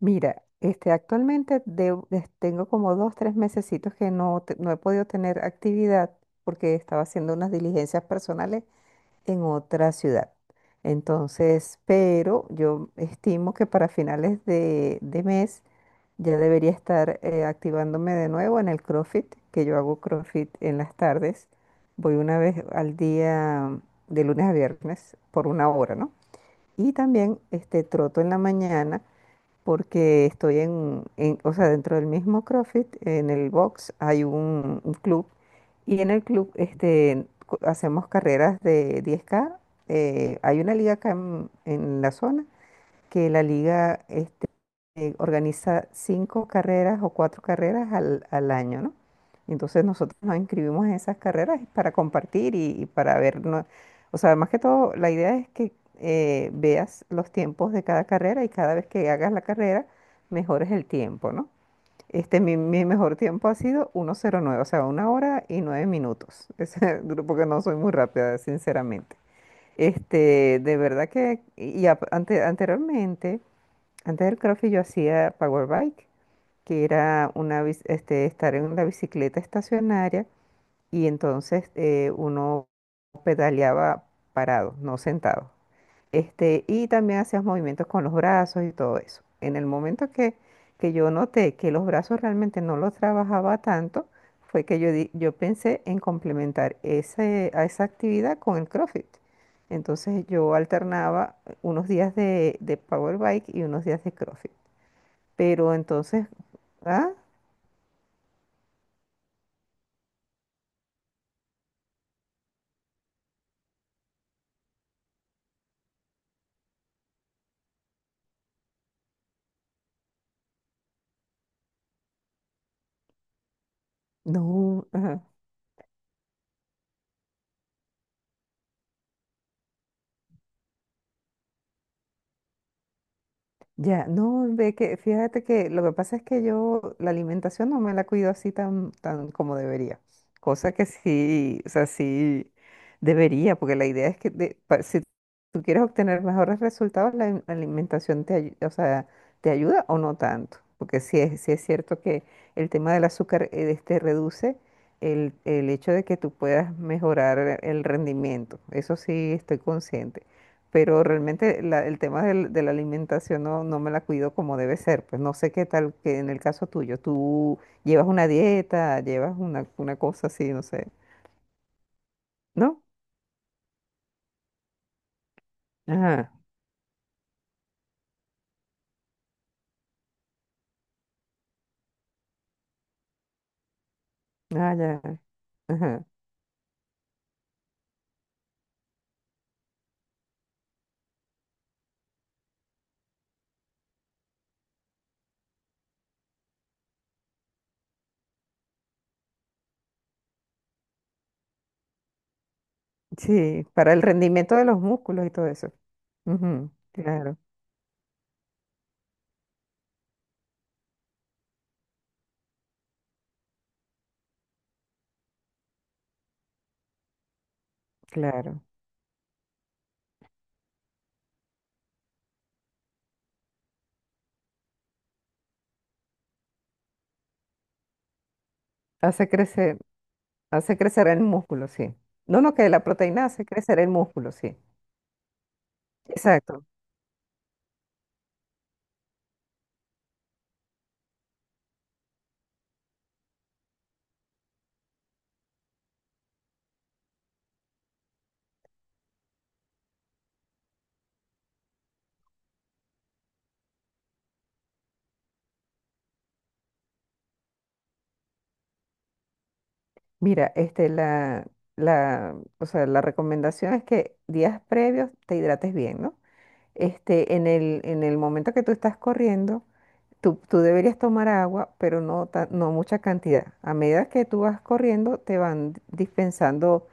Mira, este, actualmente tengo como dos, tres mesecitos que no he podido tener actividad porque estaba haciendo unas diligencias personales en otra ciudad. Entonces, pero yo estimo que para finales de mes ya debería estar activándome de nuevo en el CrossFit, que yo hago CrossFit en las tardes. Voy una vez al día de lunes a viernes por una hora, ¿no? Y también este, troto en la mañana porque estoy o sea, dentro del mismo CrossFit, en el box hay un club y en el club este, hacemos carreras de 10K. Hay una liga acá en la zona que la liga organiza cinco carreras o cuatro carreras al año, ¿no? Entonces nosotros nos inscribimos en esas carreras para compartir y para ver, ¿no? O sea, más que todo, la idea es que veas los tiempos de cada carrera y cada vez que hagas la carrera, mejores el tiempo, ¿no? Este, mi mejor tiempo ha sido 1:09, o sea, una hora y 9 minutos. Es, porque no soy muy rápida, sinceramente. Este, de verdad que, y anteriormente, antes del CrossFit yo hacía power bike, que era este, estar en la bicicleta estacionaria y entonces uno pedaleaba parado, no sentado. Este, y también hacías movimientos con los brazos y todo eso. En el momento que yo noté que los brazos realmente no los trabajaba tanto, fue que yo pensé en complementar a esa actividad con el CrossFit. Entonces yo alternaba unos días de power bike y unos días de CrossFit. Pero entonces, ah, no, ajá, ya, no, ve que, fíjate que lo que pasa es que yo la alimentación no me la cuido así tan, tan como debería, cosa que sí, o sea, sí debería, porque la idea es que si tú quieres obtener mejores resultados, la alimentación o sea, te ayuda o no tanto, porque sí es cierto que el tema del azúcar este, reduce el hecho de que tú puedas mejorar el rendimiento, eso sí estoy consciente pero realmente el tema de la alimentación no me la cuido como debe ser. Pues no sé qué tal que en el caso tuyo, tú llevas una dieta, llevas una cosa así, no sé. ¿No? Ajá, ah, ya, ajá. Sí, para el rendimiento de los músculos y todo eso. Ujú, claro, claro. Hace crecer, hace crecer el músculo, sí. No, no, que la proteína hace crecer el músculo, sí. Exacto. Mira, este, o sea, la recomendación es que días previos te hidrates bien, ¿no? Este, en el momento que tú estás corriendo, tú deberías tomar agua, pero no mucha cantidad. A medida que tú vas corriendo, te van dispensando,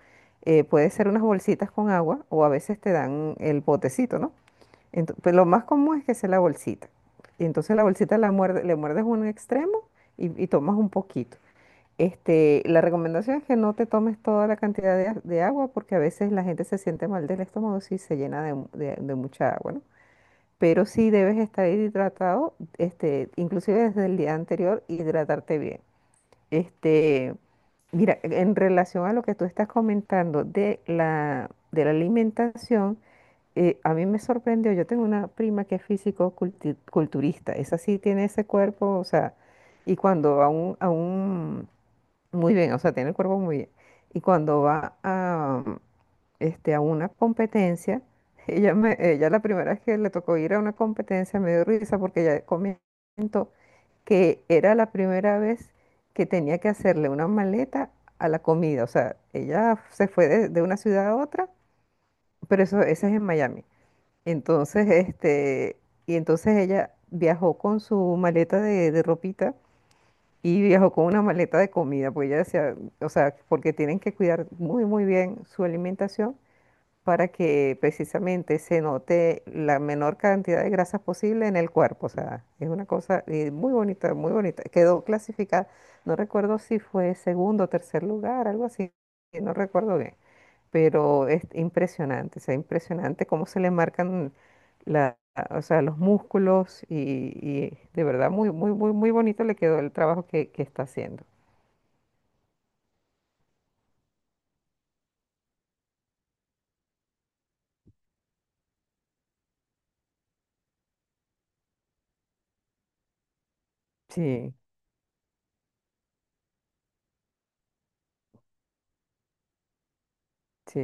puede ser unas bolsitas con agua o a veces te dan el botecito, ¿no? Pues lo más común es que sea la bolsita. Y entonces la bolsita la muerde, le muerdes un extremo y tomas un poquito. Este, la recomendación es que no te tomes toda la cantidad de agua porque a veces la gente se siente mal del estómago si se llena de mucha agua, ¿no? Pero sí debes estar hidratado, este, inclusive desde el día anterior, hidratarte bien. Este, mira, en relación a lo que tú estás comentando de la alimentación, a mí me sorprendió, yo tengo una prima que es físico-culturista, esa sí tiene ese cuerpo, o sea, y cuando a un muy bien, o sea, tiene el cuerpo muy bien. Y cuando va este, a una competencia, ella la primera vez que le tocó ir a una competencia me dio risa porque ella comentó que era la primera vez que tenía que hacerle una maleta a la comida. O sea, ella se fue de una ciudad a otra, pero eso, ese es en Miami. Entonces, este, y entonces ella viajó con su maleta de ropita y viajó con una maleta de comida, pues ella decía, o sea, porque tienen que cuidar muy, muy bien su alimentación para que precisamente se note la menor cantidad de grasas posible en el cuerpo. O sea, es una cosa muy bonita, muy bonita. Quedó clasificada, no recuerdo si fue segundo o tercer lugar, algo así, no recuerdo bien pero es impresionante, o sea, impresionante cómo se le marcan la, o sea, los músculos y de verdad muy, muy, muy, muy bonito le quedó el trabajo que está haciendo. Sí, sí.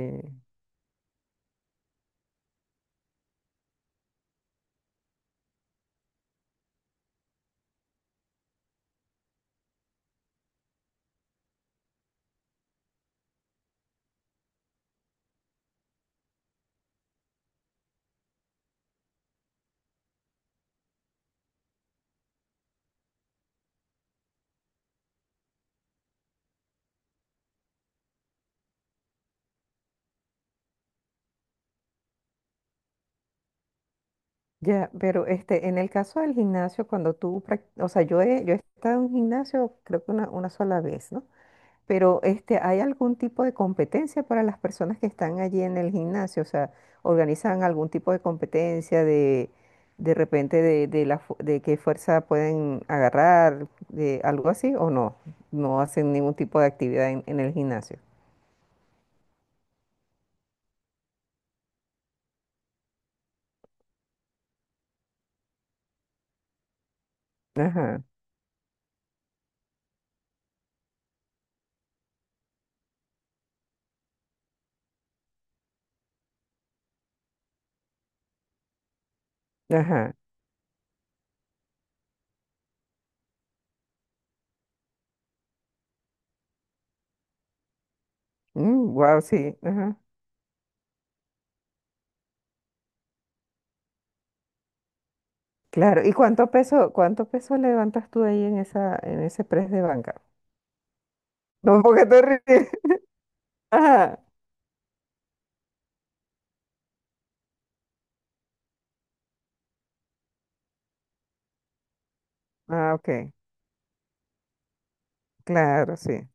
Ya, pero este, en el caso del gimnasio, cuando tú, o sea, yo he estado en un gimnasio creo que una sola vez, ¿no? Pero este, ¿hay algún tipo de competencia para las personas que están allí en el gimnasio? O sea, ¿organizan algún tipo de competencia de repente de qué fuerza pueden agarrar, de algo así o no? No hacen ningún tipo de actividad en el gimnasio. Ajá, ajá. Wow, sí, ajá. Claro. ¿Y cuánto peso levantas tú ahí en ese press de banca? No, porque te ríes. Ajá. Ah, ok. Claro, sí.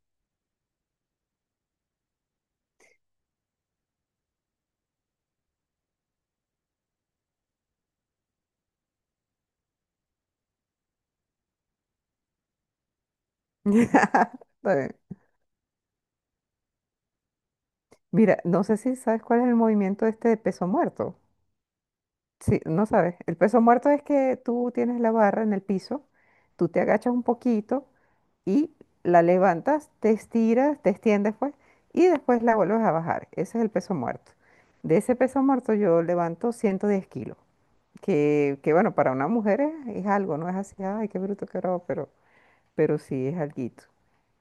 Está bien. Mira, no sé si sabes cuál es el movimiento este de peso muerto. Sí, no sabes. El peso muerto es que tú tienes la barra en el piso, tú te agachas un poquito y la levantas, te estiras, te extiendes pues, y después la vuelves a bajar. Ese es el peso muerto. De ese peso muerto yo levanto 110 kilos, que bueno, para una mujer es algo, no es así, ay, qué bruto, qué bravo, pero, sí es alguito.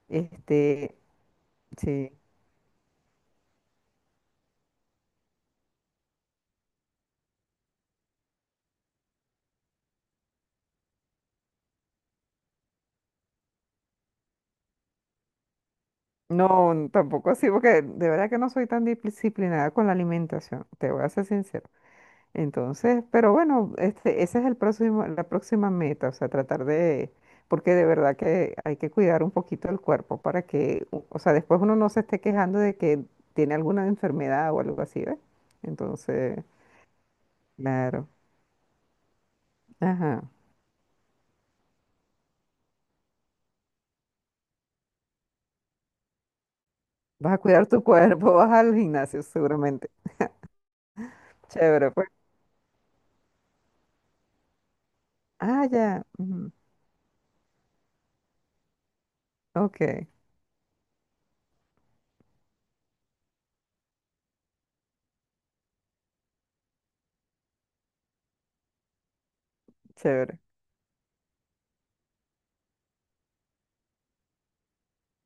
Este, sí. No, tampoco así, porque de verdad que no soy tan disciplinada con la alimentación, te voy a ser sincero. Entonces, pero bueno, este, ese es el próximo, la próxima meta, o sea, tratar de, porque de verdad que hay que cuidar un poquito el cuerpo para que, o sea, después uno no se esté quejando de que tiene alguna enfermedad o algo así, ¿ves? Entonces, claro, ajá, vas a cuidar tu cuerpo, vas al gimnasio seguramente. Chévere, pues. Ah, ya, ujú, ok, chévere.